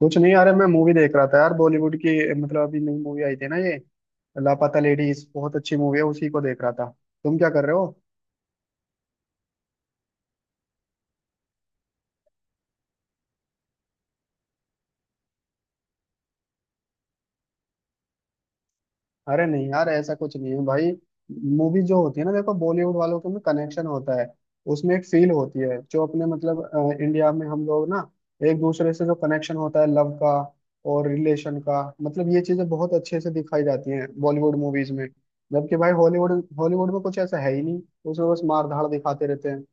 कुछ नहीं यार मैं मूवी देख रहा था यार बॉलीवुड की। मतलब अभी नई मूवी आई थी ना, ये लापता लेडीज बहुत अच्छी मूवी है, उसी को देख रहा था। तुम क्या कर रहे हो? अरे नहीं यार, ऐसा कुछ नहीं है भाई। मूवी जो होती है ना, देखो बॉलीवुड वालों के में कनेक्शन होता है। उसमें एक फील होती है जो अपने मतलब इंडिया में हम लोग ना एक दूसरे से जो कनेक्शन होता है लव का और रिलेशन का, मतलब ये चीजें बहुत अच्छे से दिखाई जाती हैं बॉलीवुड मूवीज में। जबकि भाई हॉलीवुड हॉलीवुड में कुछ ऐसा है ही नहीं। उसमें बस मार धाड़ दिखाते रहते हैं।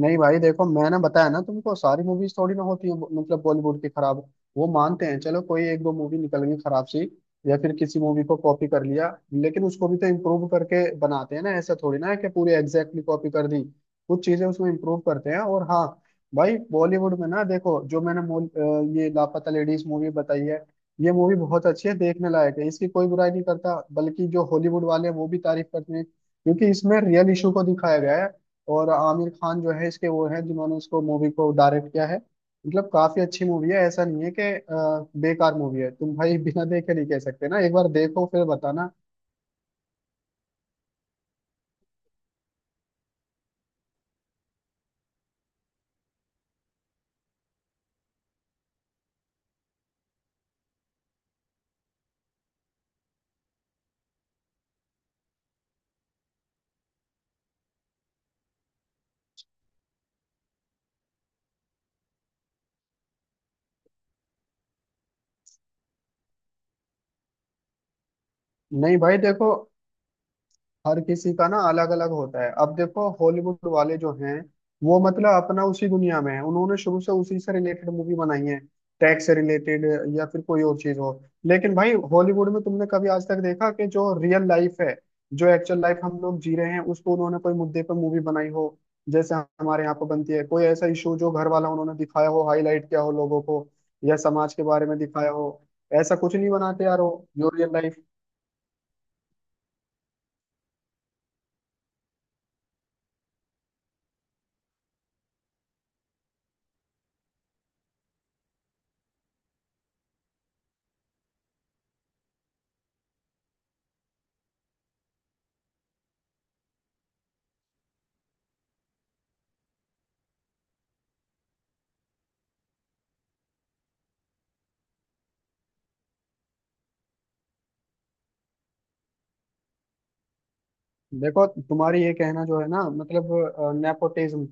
नहीं भाई देखो, मैंने बताया ना तुमको, सारी मूवीज थोड़ी ना होती है मतलब बॉलीवुड की खराब। वो मानते हैं, चलो कोई एक दो मूवी निकल गई खराब सी या फिर किसी मूवी को कॉपी कर लिया, लेकिन उसको भी तो इम्प्रूव करके बनाते हैं ना, ऐसा थोड़ी ना है कि पूरी एग्जैक्टली कॉपी कर दी। कुछ चीजें उसमें इम्प्रूव करते हैं। और हाँ भाई, बॉलीवुड में ना देखो, जो मैंने ये लापता लेडीज मूवी बताई है, ये मूवी बहुत अच्छी है, देखने लायक है, इसकी कोई बुराई नहीं करता, बल्कि जो हॉलीवुड वाले हैं वो भी तारीफ करते हैं, क्योंकि इसमें रियल इशू को दिखाया गया है। और आमिर खान जो है इसके, वो हैं जिन्होंने इसको मूवी को डायरेक्ट किया है। मतलब काफी अच्छी मूवी है, ऐसा नहीं है कि बेकार मूवी है। तुम भाई बिना देखे नहीं कह सकते ना, एक बार देखो फिर बताना। नहीं भाई देखो, हर किसी का ना अलग अलग होता है। अब देखो हॉलीवुड वाले जो हैं, वो मतलब अपना उसी दुनिया में है, उन्होंने शुरू से उसी से रिलेटेड मूवी बनाई है, टैक्स से रिलेटेड या फिर कोई और चीज हो। लेकिन भाई हॉलीवुड में तुमने कभी आज तक देखा कि जो रियल लाइफ है, जो एक्चुअल लाइफ हम लोग जी रहे हैं, उसको उन्होंने कोई मुद्दे पर मूवी बनाई हो जैसे हमारे यहाँ पर बनती है? कोई ऐसा इशू जो घर वाला उन्होंने दिखाया हो, हाईलाइट किया हो लोगों को, या समाज के बारे में दिखाया हो? ऐसा कुछ नहीं बनाते यार वो, जो रियल लाइफ। देखो तुम्हारी ये कहना जो है ना, मतलब नेपोटिज्म,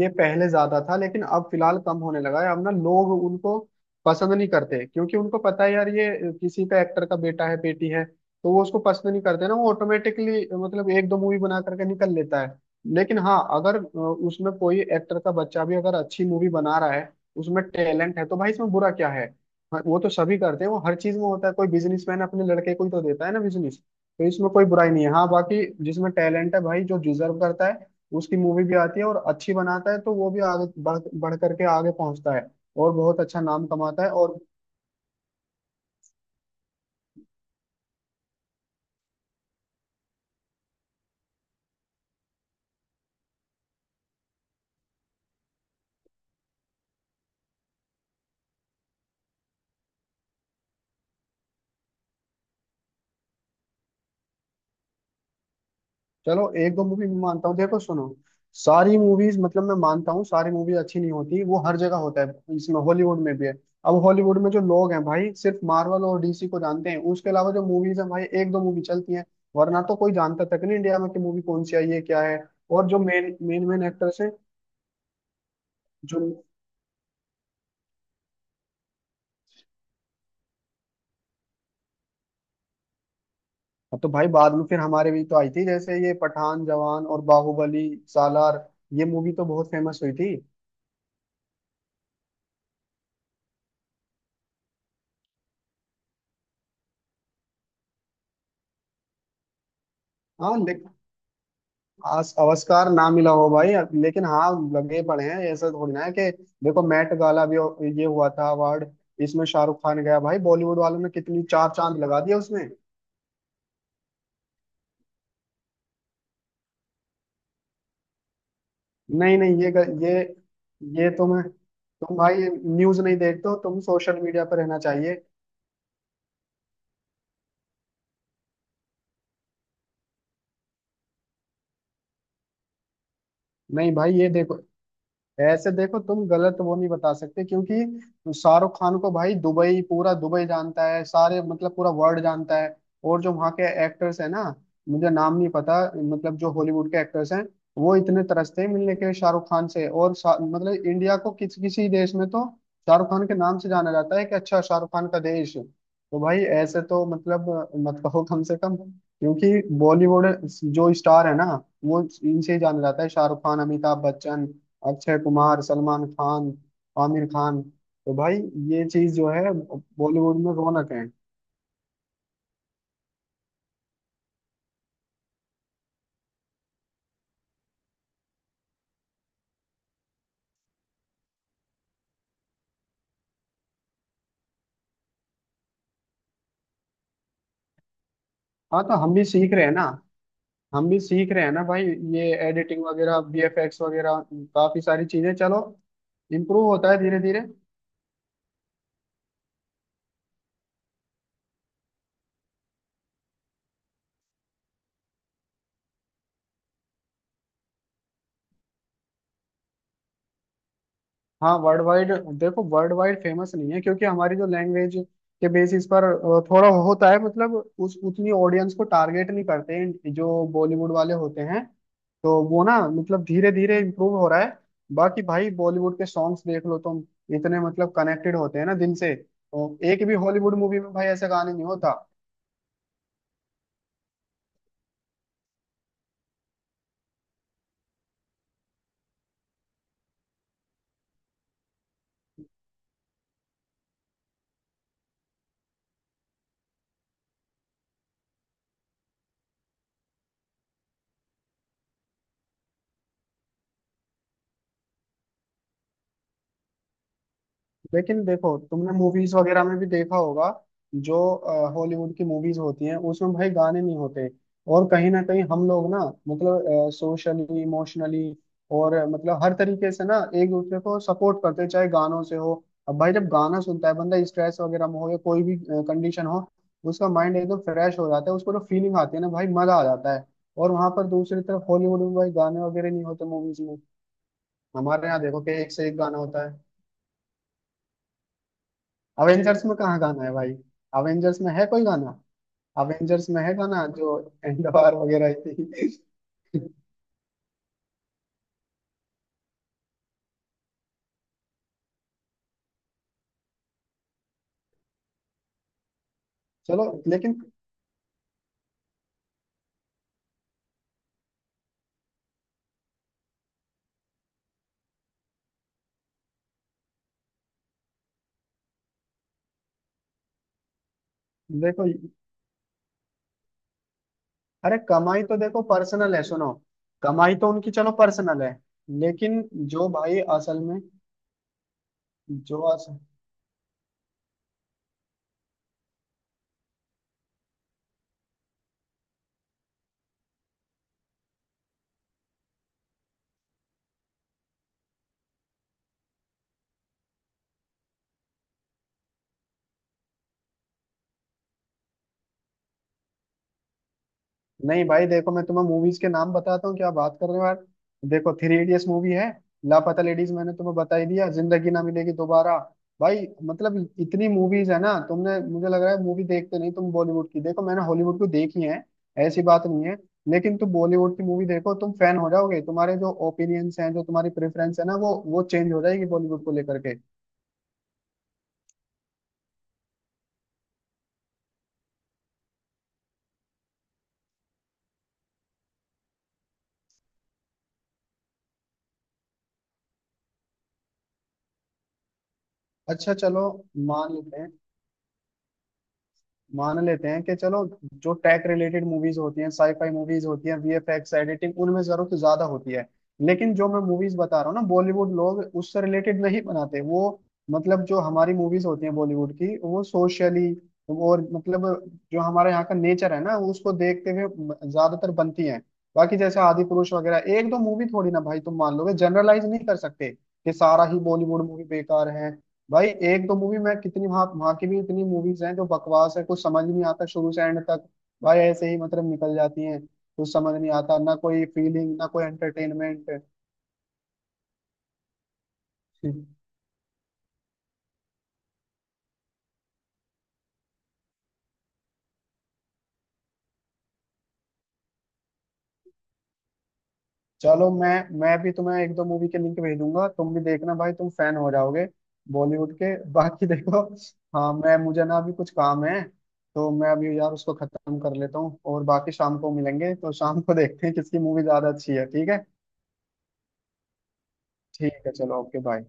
ये पहले ज्यादा था लेकिन अब फिलहाल कम होने लगा है। अब ना लोग उनको पसंद नहीं करते, क्योंकि उनको पता है यार, ये किसी का एक्टर का बेटा है, बेटी है, तो वो उसको पसंद नहीं करते ना, वो ऑटोमेटिकली मतलब एक दो मूवी बना करके निकल लेता है। लेकिन हाँ अगर उसमें कोई एक्टर का बच्चा भी अगर अच्छी मूवी बना रहा है, उसमें टैलेंट है, तो भाई इसमें बुरा क्या है। हाँ, वो तो सभी करते हैं, वो हर चीज में होता है, कोई बिजनेसमैन अपने लड़के को ही तो देता है ना बिजनेस। तो इसमें कोई बुराई नहीं है, हाँ बाकी जिसमें टैलेंट है भाई, जो डिजर्व करता है, उसकी मूवी भी आती है और अच्छी बनाता है, तो वो भी आगे बढ़ बढ़ करके आगे पहुंचता है और बहुत अच्छा नाम कमाता है। और चलो, एक दो मूवी मानता हूँ, देखो सुनो, सारी मूवीज मतलब, मैं मानता हूँ सारी मूवी अच्छी नहीं होती, वो हर जगह होता है, इसमें हॉलीवुड में भी है। अब हॉलीवुड में जो लोग हैं भाई, सिर्फ मार्वल और डीसी को जानते हैं, उसके अलावा जो मूवीज हैं भाई, एक दो मूवी चलती हैं, वरना तो कोई जानता तक नहीं इंडिया में कि मूवी कौन सी आई है, क्या है। और जो मेन मेन मेन एक्टर्स हैं जो, हाँ, तो भाई बाद में फिर हमारे भी तो आई थी जैसे, ये पठान, जवान और बाहुबली, सालार, ये मूवी तो बहुत फेमस हुई थी। हाँ लेकिन आस आविष्कार ना मिला हो भाई, लेकिन हाँ, लगे पड़े हैं, ऐसा थोड़ी ना है कि देखो मैट ये हुआ था अवार्ड, इसमें शाहरुख खान गया भाई, बॉलीवुड वालों ने कितनी चार चांद लगा दिया उसमें। नहीं नहीं, ये तो मैं तुम भाई, न्यूज नहीं देखते हो तुम, सोशल मीडिया पर रहना चाहिए। नहीं भाई ये देखो, ऐसे देखो तुम गलत वो नहीं बता सकते, क्योंकि शाहरुख खान को भाई, दुबई, पूरा दुबई जानता है, सारे मतलब पूरा वर्ल्ड जानता है। और जो वहाँ के एक्टर्स हैं ना, मुझे नाम नहीं पता, मतलब जो हॉलीवुड के एक्टर्स हैं, वो इतने तरसते हैं मिलने के लिए शाहरुख खान से, और मतलब इंडिया को किसी किसी देश में तो शाहरुख खान के नाम से जाना जाता है, कि अच्छा, शाहरुख खान का देश, तो भाई ऐसे तो मतलब मत कहो कम से कम। क्योंकि बॉलीवुड जो स्टार है ना, वो इनसे ही जाना जाता है, शाहरुख खान, अमिताभ बच्चन, अक्षय कुमार, सलमान खान, आमिर खान, तो भाई ये चीज जो है बॉलीवुड में, रौनक है। हाँ तो हम भी सीख रहे हैं ना, हम भी सीख रहे हैं ना भाई, ये एडिटिंग वगैरह, वीएफएक्स वगैरह, काफी सारी चीजें, चलो, इम्प्रूव होता है धीरे धीरे। हाँ वर्ल्ड वाइड, देखो वर्ल्ड वाइड फेमस नहीं है, क्योंकि हमारी जो लैंग्वेज के बेसिस पर थोड़ा होता है मतलब, उस उतनी ऑडियंस को टारगेट नहीं करते हैं जो बॉलीवुड वाले होते हैं। तो वो ना मतलब धीरे धीरे इम्प्रूव हो रहा है, बाकी भाई बॉलीवुड के सॉन्ग्स देख लो तुम, इतने मतलब कनेक्टेड होते हैं ना दिल से, तो एक भी हॉलीवुड मूवी में भाई ऐसा गाने नहीं होता। लेकिन देखो, तुमने मूवीज वगैरह में भी देखा होगा, जो हॉलीवुड की मूवीज होती हैं उसमें भाई गाने नहीं होते, और कहीं ना कहीं हम लोग ना मतलब सोशली, इमोशनली और मतलब हर तरीके से ना एक दूसरे को सपोर्ट करते हैं, चाहे गानों से हो। अब भाई, जब गाना सुनता है बंदा, स्ट्रेस वगैरह में हो या कोई भी कंडीशन हो, उसका माइंड एकदम फ्रेश हो जाता है, उसको जो फीलिंग आती है ना भाई, मजा आ जाता है। और वहां पर दूसरी तरफ हॉलीवुड में भाई गाने वगैरह नहीं होते मूवीज में, हमारे यहाँ देखो कि एक से एक गाना होता है। अवेंजर्स में कहाँ गाना है भाई? अवेंजर्स में है कोई गाना? अवेंजर्स में है गाना जो एंड वार वगैरह आई थी? चलो लेकिन देखो, अरे कमाई तो देखो पर्सनल है, सुनो, कमाई तो उनकी चलो पर्सनल है, लेकिन जो भाई असल में जो अस, नहीं भाई देखो, मैं तुम्हें मूवीज के नाम बताता हूँ, क्या बात कर रहे हो यार। देखो, थ्री इडियट्स मूवी है, लापता लेडीज मैंने तुम्हें बता ही दिया, जिंदगी ना मिलेगी दोबारा। भाई मतलब इतनी मूवीज है ना, तुमने मुझे लग रहा है मूवी देखते नहीं तुम बॉलीवुड की, देखो मैंने हॉलीवुड को देखी है, ऐसी बात नहीं है, लेकिन तुम बॉलीवुड की मूवी देखो, तुम फैन हो जाओगे, तुम्हारे जो ओपिनियंस हैं, जो तुम्हारी प्रेफरेंस है ना, वो चेंज हो जाएगी बॉलीवुड को लेकर के। अच्छा चलो, मान लेते हैं, मान लेते हैं कि चलो, जो टेक रिलेटेड मूवीज होती हैं, साईफाई मूवीज होती हैं, वीएफएक्स एडिटिंग उनमें जरूरत ज्यादा होती है। लेकिन जो मैं मूवीज बता रहा हूँ ना, बॉलीवुड लोग उससे रिलेटेड नहीं बनाते वो, मतलब जो हमारी मूवीज होती हैं बॉलीवुड की, वो सोशली और मतलब, जो हमारे यहाँ का नेचर है ना, उसको देखते हुए ज्यादातर बनती हैं। बाकी जैसे आदि पुरुष वगैरह एक दो मूवी, थोड़ी ना भाई तुम मान लोगे, जनरलाइज नहीं कर सकते कि सारा ही बॉलीवुड मूवी बेकार है। भाई एक दो मूवी, मैं कितनी वहां वहां की भी इतनी मूवीज हैं जो बकवास है, कुछ समझ नहीं आता शुरू से एंड तक, भाई ऐसे ही मतलब निकल जाती हैं, कुछ समझ नहीं आता, ना कोई फीलिंग, ना कोई एंटरटेनमेंट। चलो मैं भी तुम्हें एक दो मूवी के लिंक भेजूंगा, तुम भी देखना भाई, तुम फैन हो जाओगे बॉलीवुड के बाकी देखो। हाँ मैं, मुझे ना अभी कुछ काम है, तो मैं अभी यार उसको खत्म कर लेता हूँ, और बाकी शाम को मिलेंगे, तो शाम को देखते हैं किसकी मूवी ज्यादा अच्छी है, ठीक है। ठीक है चलो, ओके बाय।